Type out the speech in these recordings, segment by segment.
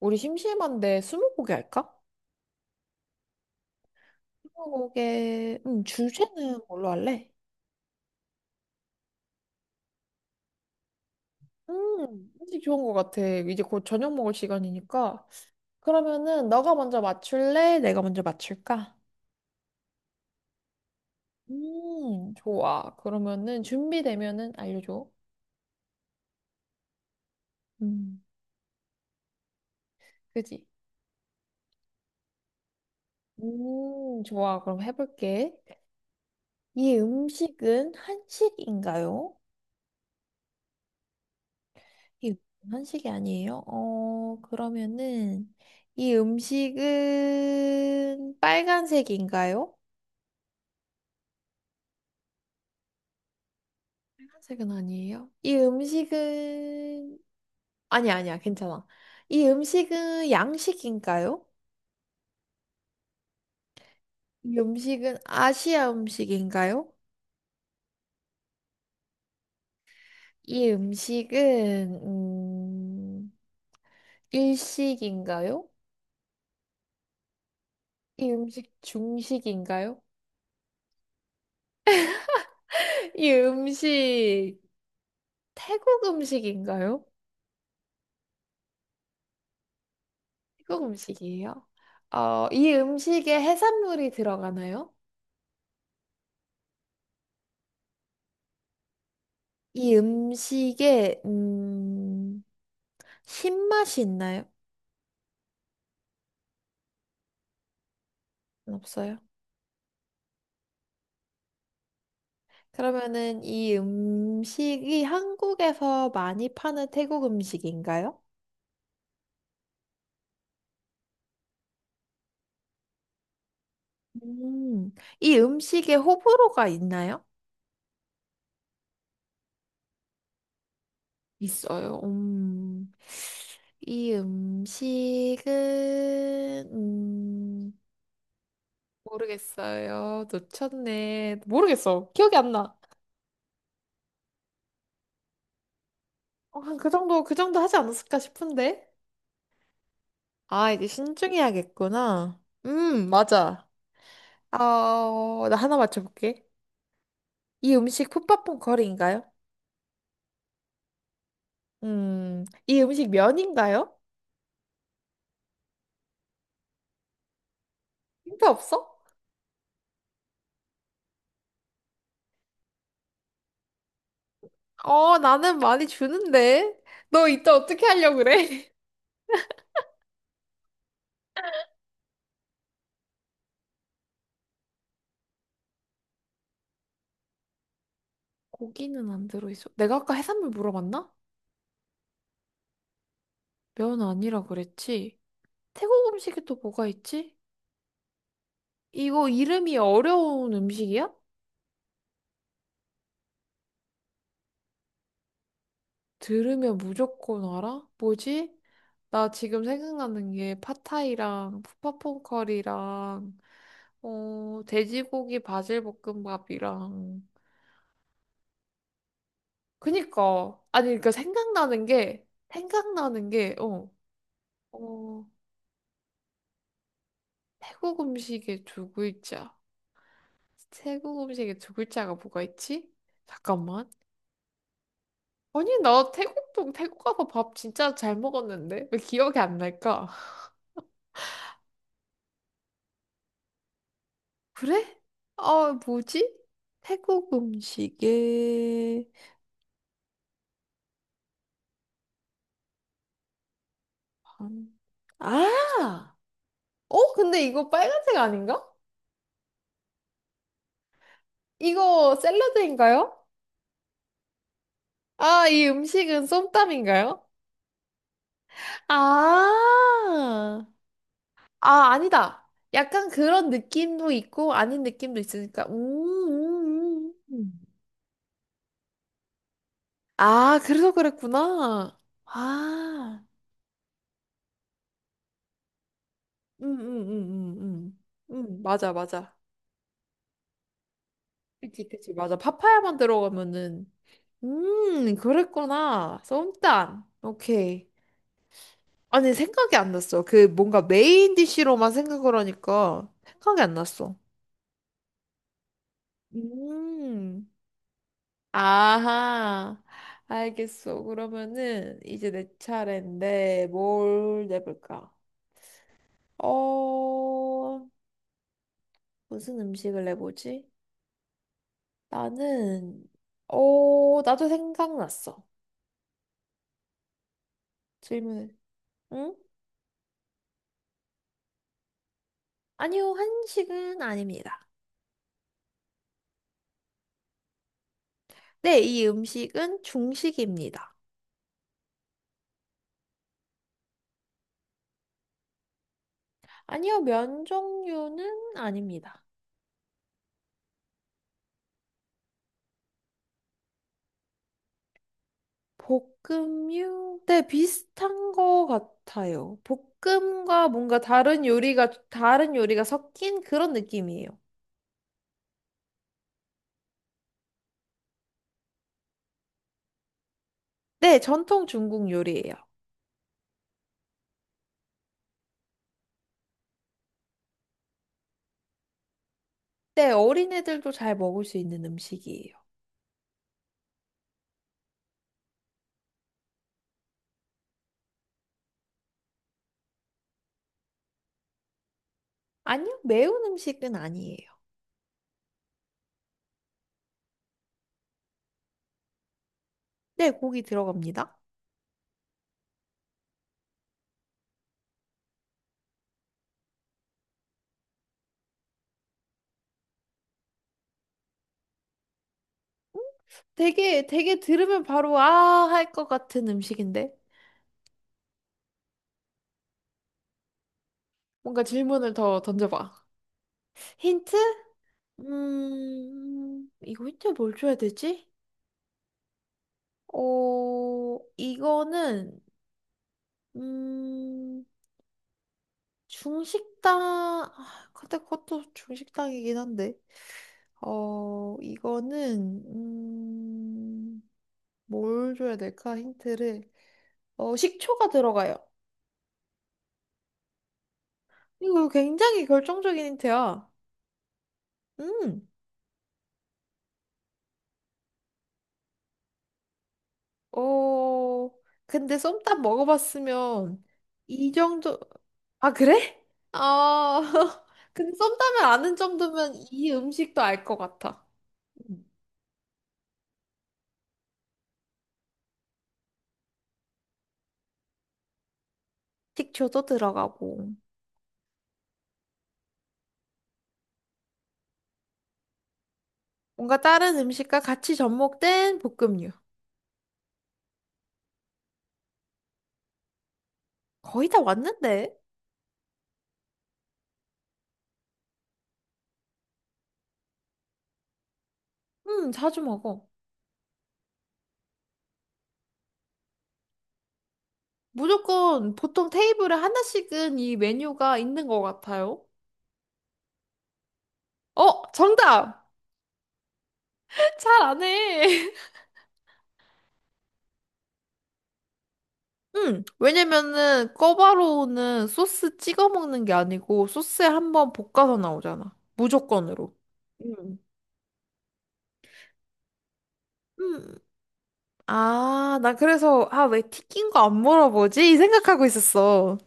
우리 심심한데 스무고개 할까? 스무고개 주제는 뭘로 할래? 음식 좋은 것 같아. 이제 곧 저녁 먹을 시간이니까. 그러면은 너가 먼저 맞출래? 내가 먼저 맞출까? 좋아. 그러면은 준비되면은 알려줘. 음, 그지? 좋아. 그럼 해볼게. 이 음식은 한식인가요? 이 한식이 아니에요? 그러면은 이 음식은 빨간색인가요? 빨간색은 아니에요. 이 음식은 아니 야 아니야. 괜찮아. 이 음식은 양식인가요? 이 음식은 아시아 음식인가요? 이 음식은 일식인가요? 이 음식 중식인가요? 이 음식 태국 음식인가요? 태국 음식이에요? 이 음식에 해산물이 들어가나요? 이 음식에 신맛이 있나요? 없어요. 그러면은 이 음식이 한국에서 많이 파는 태국 음식인가요? 음, 이 음식에 호불호가 있나요? 있어요. 이 음식은 모르겠어요. 놓쳤네. 모르겠어. 기억이 안 나. 그 정도 하지 않았을까 싶은데? 아, 이제 신중해야겠구나. 맞아. 나 하나 맞춰볼게. 이 음식 풋밥퐁 거리인가요? 이 음식 면인가요? 힌트 없어? 나는 많이 주는데. 너 이따 어떻게 하려고 그래? 고기는 안 들어있어. 내가 아까 해산물 물어봤나? 면 아니라 그랬지. 태국 음식에 또 뭐가 있지? 이거 이름이 어려운 음식이야? 들으면 무조건 알아? 뭐지? 나 지금 생각나는 게 팟타이랑 푸파퐁커리랑 돼지고기 바질 볶음밥이랑 그니까 아니 그러니까 생각나는 게 어, 태국 음식의 두 글자 태국 음식의 두 글자가 뭐가 있지? 잠깐만 아니 나 태국도 태국 가서 밥 진짜 잘 먹었는데 왜 기억이 안 날까? 그래? 아, 뭐지? 태국 음식에 음. 아! 근데 이거 빨간색 아닌가? 이거 샐러드인가요? 아, 이 음식은 쏨땀인가요? 아, 아, 아니다. 약간 그런 느낌도 있고, 아닌 느낌도 있으니까. 음. 아, 그래서 그랬구나. 아, 음, 음, 음, 맞아, 맞아. 그치, 그치, 맞아. 파파야만 들어가면은. 그랬구나. 쏨땀. 오케이. 아니, 생각이 안 났어. 그 뭔가 메인 디쉬로만 생각을 하니까 생각이 안 났어. 음. 아하. 알겠어. 그러면은 이제 내 차례인데 뭘 내볼까? 어, 무슨 음식을 내보지? 나는, 나도 생각났어. 질문을. 응? 아니요, 한식은 아닙니다. 네, 이 음식은 중식입니다. 아니요, 면 종류는 아닙니다. 볶음육? 네, 비슷한 거 같아요. 볶음과 뭔가 다른 요리가 섞인 그런 느낌이에요. 네, 전통 중국 요리예요. 네, 어린애들도 잘 먹을 수 있는 음식이에요. 아니요, 매운 음식은 아니에요. 네, 고기 들어갑니다. 되게 들으면 바로 아, 할 것 같은 음식인데. 뭔가 질문을 더 던져봐. 힌트? 이거 힌트 뭘 줘야 되지? 이거는 음, 중식당, 아, 근데 그것도 중식당이긴 한데, 이거는, 뭘 줘야 될까, 힌트를. 식초가 들어가요. 이거 굉장히 결정적인 힌트야. 음. 어, 근데 쏨땀 먹어봤으면, 이 정도, 아, 그래? 아, 근데 쏨땀을 아는 정도면 이 음식도 알 것 같아. 음, 식초도 들어가고. 뭔가 다른 음식과 같이 접목된 볶음류. 거의 다 왔는데? 자주 먹어. 무조건 보통 테이블에 하나씩은 이 메뉴가 있는 것 같아요. 어, 정답! 잘 안 해. 왜냐면은 꿔바로우는 소스 찍어 먹는 게 아니고 소스에 한번 볶아서 나오잖아. 무조건으로. 음. 음. 아, 나 그래서, 아, 왜 튀긴 거 안 물어보지? 이 생각하고 있었어.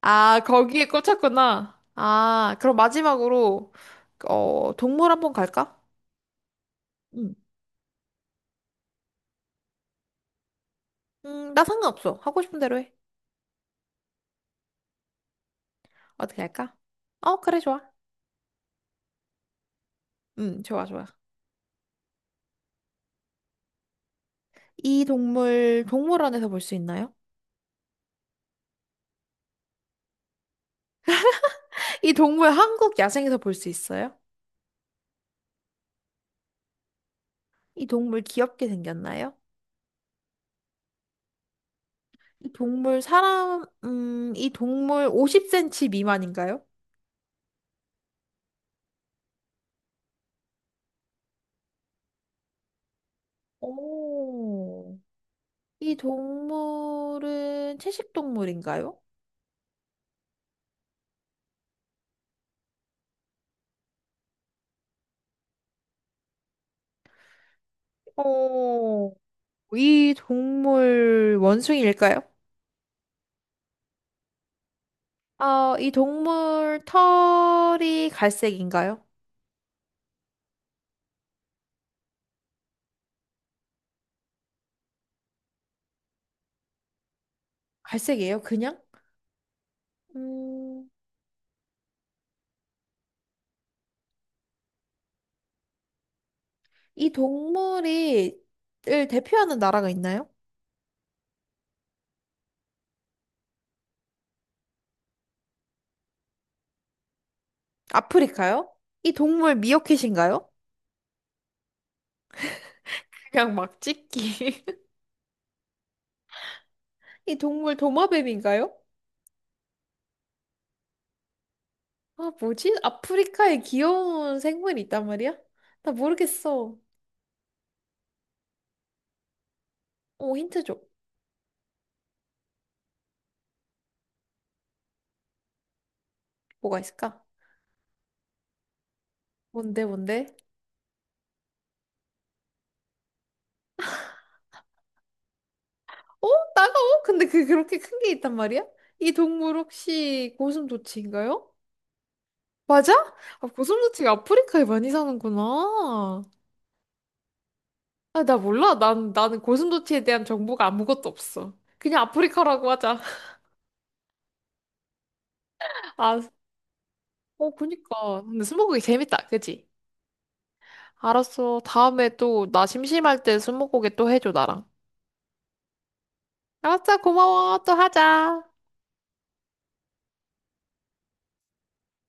아, 거기에 꽂혔구나. 아, 그럼 마지막으로, 동물 한번 갈까? 응. 나 상관없어. 하고 싶은 대로 해. 어떻게 할까? 어, 그래, 좋아. 응, 좋아, 좋아. 이 동물, 동물원에서 볼 수 있나요? 이 동물 한국 야생에서 볼 수 있어요? 이 동물 귀엽게 생겼나요? 이 동물 50cm 미만인가요? 오. 이 동물은 채식 동물인가요? 오... 이 동물 원숭이일까요? 이 동물 털이 갈색인가요? 갈색이에요, 그냥? 음, 이 동물이 을 대표하는 나라가 있나요? 아프리카요? 이 동물 미어캣인가요? 그냥 막 찍기. 이 동물 도마뱀인가요? 아, 뭐지? 아프리카에 귀여운 생물이 있단 말이야? 나 모르겠어. 힌트 줘. 뭐가 있을까? 뭔데, 뭔데? 어? 따가워? 근데 그렇게 큰 게 있단 말이야? 이 동물 혹시 고슴도치인가요? 맞아? 아, 고슴도치가 아프리카에 많이 사는구나. 아, 나 몰라. 나는 고슴도치에 대한 정보가 아무것도 없어. 그냥 아프리카라고 하자. 아, 어, 그니까. 근데 스무고개 재밌다. 그치? 알았어. 다음에 또 나 심심할 때 스무고개 또 해줘, 나랑. 알았어. 고마워. 또 하자.